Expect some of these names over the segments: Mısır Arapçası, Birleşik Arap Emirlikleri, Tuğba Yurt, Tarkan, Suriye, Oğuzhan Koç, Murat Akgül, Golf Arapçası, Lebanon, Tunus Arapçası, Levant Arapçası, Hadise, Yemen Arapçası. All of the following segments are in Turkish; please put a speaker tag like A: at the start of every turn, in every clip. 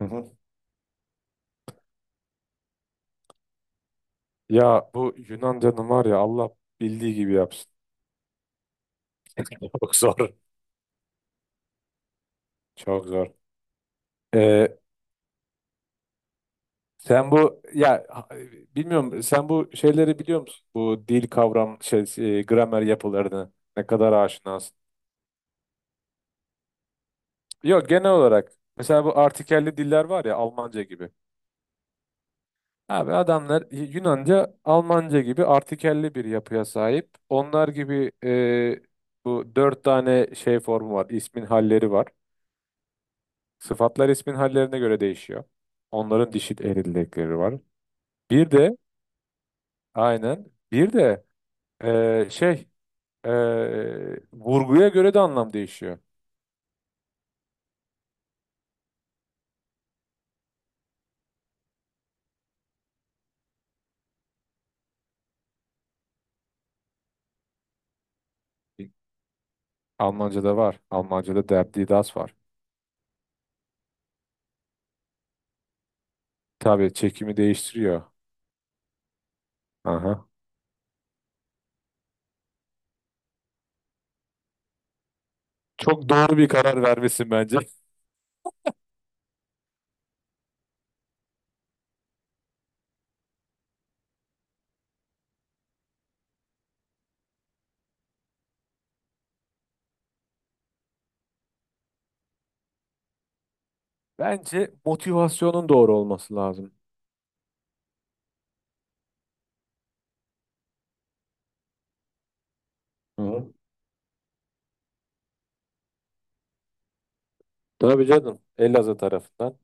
A: Hı hı. Ya bu Yunan canım var ya Allah bildiği gibi yapsın. Çok zor. Çok zor. Ee, Sen bu ya bilmiyorum, sen bu şeyleri biliyor musun? Bu dil kavram şey gramer yapılarını ne kadar aşinasın? Yok, genel olarak mesela bu artikelli diller var ya, Almanca gibi. Abi adamlar Yunanca, Almanca gibi artikelli bir yapıya sahip. Onlar gibi bu dört tane şey formu var, ismin halleri var. Sıfatlar ismin hallerine göre değişiyor. Onların dişil eril var. Bir de aynen bir de şey, vurguya göre de anlam değişiyor. Almanca'da var. Almanca'da der die das var. Tabii çekimi değiştiriyor. Aha. Çok doğru bir karar vermesin bence. Bence motivasyonun doğru olması lazım. Hı. Tabii canım. Elazığ tarafından.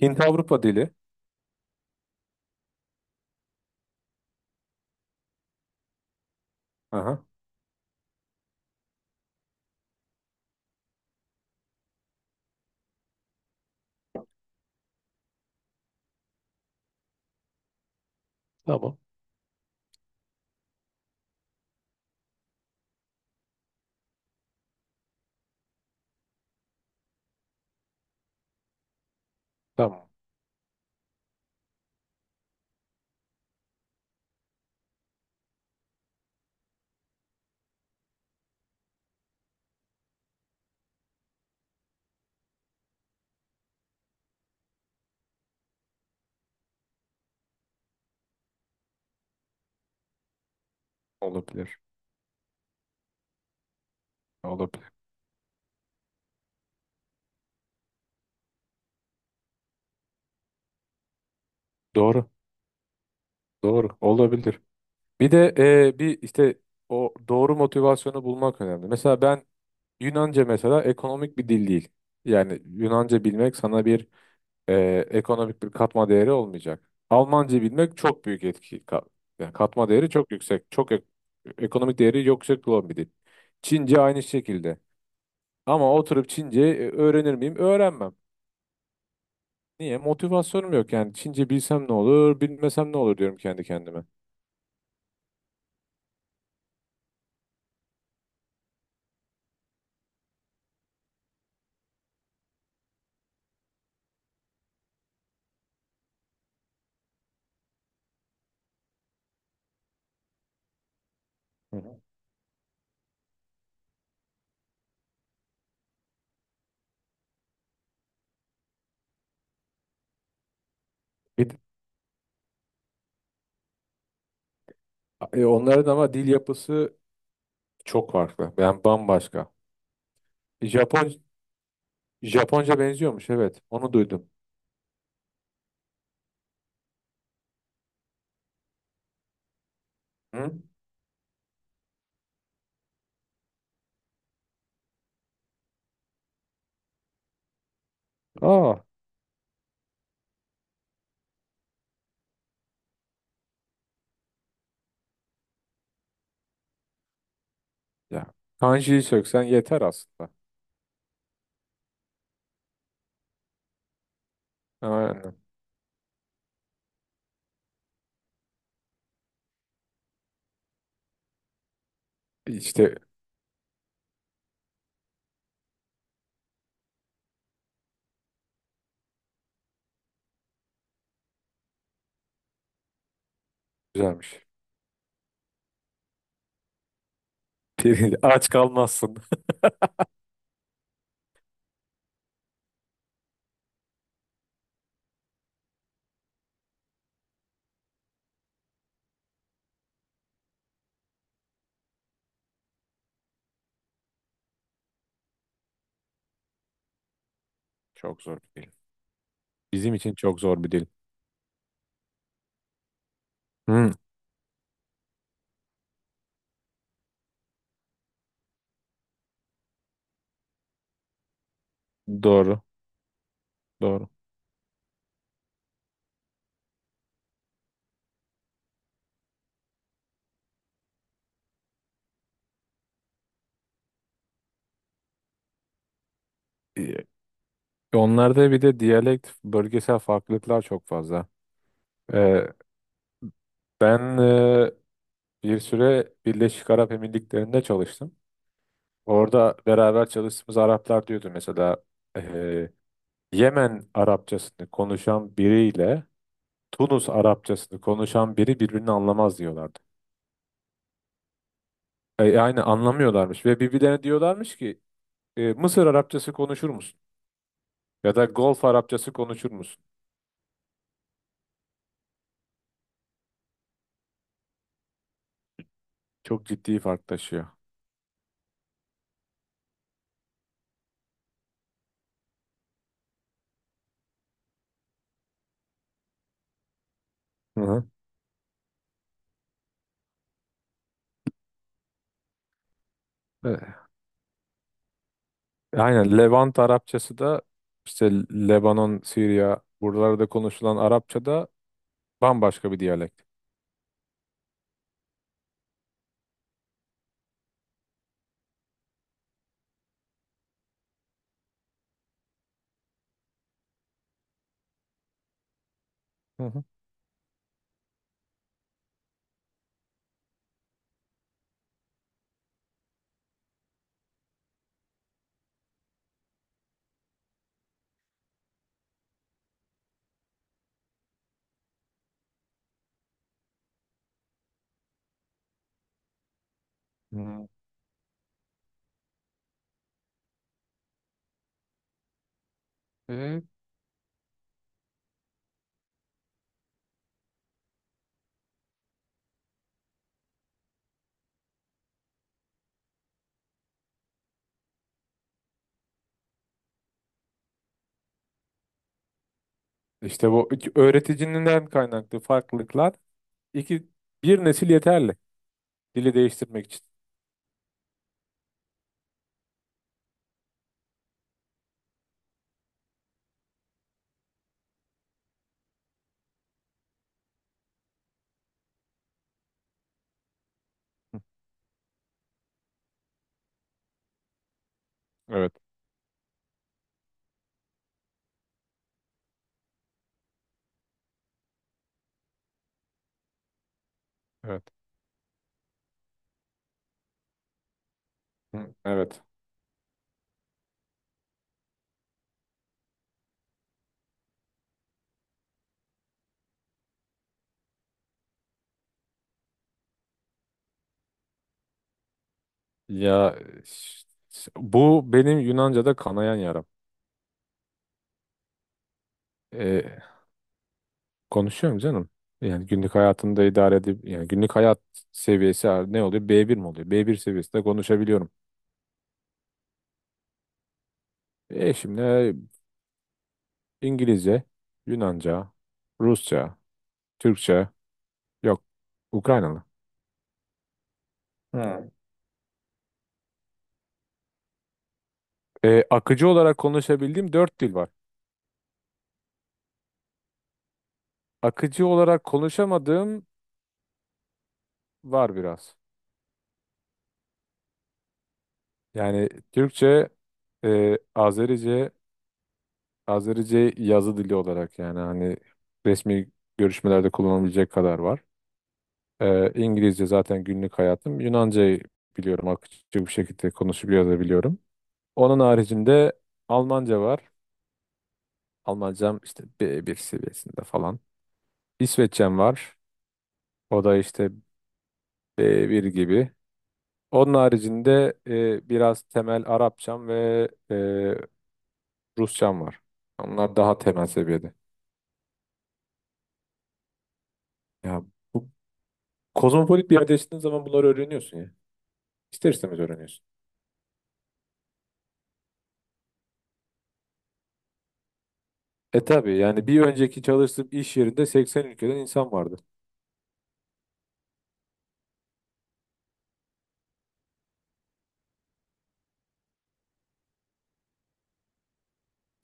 A: Hint Avrupa dili. Aha. Tamam. Tamam. Olabilir. Olabilir. Doğru. Doğru. Olabilir. Bir de bir işte o doğru motivasyonu bulmak önemli. Mesela ben Yunanca, mesela ekonomik bir dil değil. Yani Yunanca bilmek sana bir e, ekonomik bir katma değeri olmayacak. Almanca bilmek çok büyük etki. Yani katma değeri çok yüksek. Ekonomik değeri yüksek olan bir dil. Çince aynı şekilde. Ama oturup Çince öğrenir miyim? Öğrenmem. Niye? Motivasyonum yok yani. Çince bilsem ne olur, bilmesem ne olur diyorum kendi kendime. Hı hı. Bir, Onların ama dil yapısı çok farklı. Ben bambaşka. Japon Japonca benziyormuş, evet. Onu duydum. Hı? Aa, ya. Kanji'yi söksen yeter aslında. Aynen. İşte güzelmiş. Aç kalmazsın. Çok zor bir dil. Bizim için çok zor bir dil. Hı, doğru. Doğru. Ee, Onlarda bir de diyalekt, bölgesel farklılıklar çok fazla. Ee, Ben bir süre Birleşik Arap Emirlikleri'nde çalıştım. Orada beraber çalıştığımız Araplar diyordu mesela Yemen Arapçasını konuşan biriyle Tunus Arapçasını konuşan biri birbirini anlamaz diyorlardı. Yani anlamıyorlarmış ve birbirlerine diyorlarmış ki Mısır Arapçası konuşur musun? Ya da Golf Arapçası konuşur musun? Çok ciddi fark taşıyor. Hı hı. E, aynen, Levant Arapçası da işte Lebanon, Suriye, buralarda konuşulan Arapça da bambaşka bir diyalekt. Hı hı. Hı. E, işte bu öğreticinin kaynaklı farklılıklar, iki, bir nesil yeterli dili değiştirmek için. Evet, evet. Hı, evet. Ya, bu benim Yunanca'da kanayan yaram. Ee, Konuşuyorum canım. Yani günlük hayatımda idare edip, yani günlük hayat seviyesi ne oluyor? B1 mi oluyor? B1 seviyesinde konuşabiliyorum. E şimdi İngilizce, Yunanca, Rusça, Türkçe, yok, Ukraynalı. Hı. Akıcı olarak konuşabildiğim dört dil var. Akıcı olarak konuşamadığım var biraz. Yani Türkçe, Azerice. Azerice yazı dili olarak, yani hani resmi görüşmelerde kullanılabilecek kadar var. E, İngilizce zaten günlük hayatım. Yunanca'yı biliyorum, akıcı bir şekilde konuşup yazabiliyorum. Onun haricinde Almanca var. Almancam işte B1 seviyesinde falan. İsveççem var. O da işte B1 gibi. Onun haricinde biraz temel Arapçam ve Rusçam var. Onlar daha temel seviyede. Ya, bu kozmopolit bir yerde yaşadığın zaman bunları öğreniyorsun ya. İster istemez öğreniyorsun. E tabii yani, bir önceki çalıştığım iş yerinde 80 ülkeden insan vardı.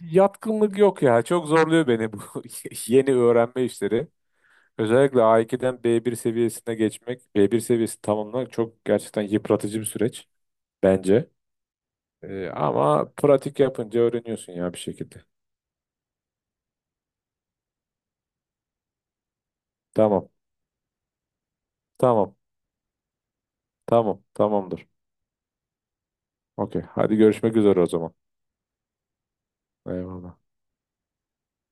A: Yatkınlık yok ya. Çok zorluyor beni bu yeni öğrenme işleri. Özellikle A2'den B1 seviyesine geçmek, B1 seviyesi tamamlamak çok gerçekten yıpratıcı bir süreç bence. E, ama pratik yapınca öğreniyorsun ya bir şekilde. Tamam, tamam, tamam, tamamdır. Okey, hadi görüşmek üzere o zaman. Eyvallah.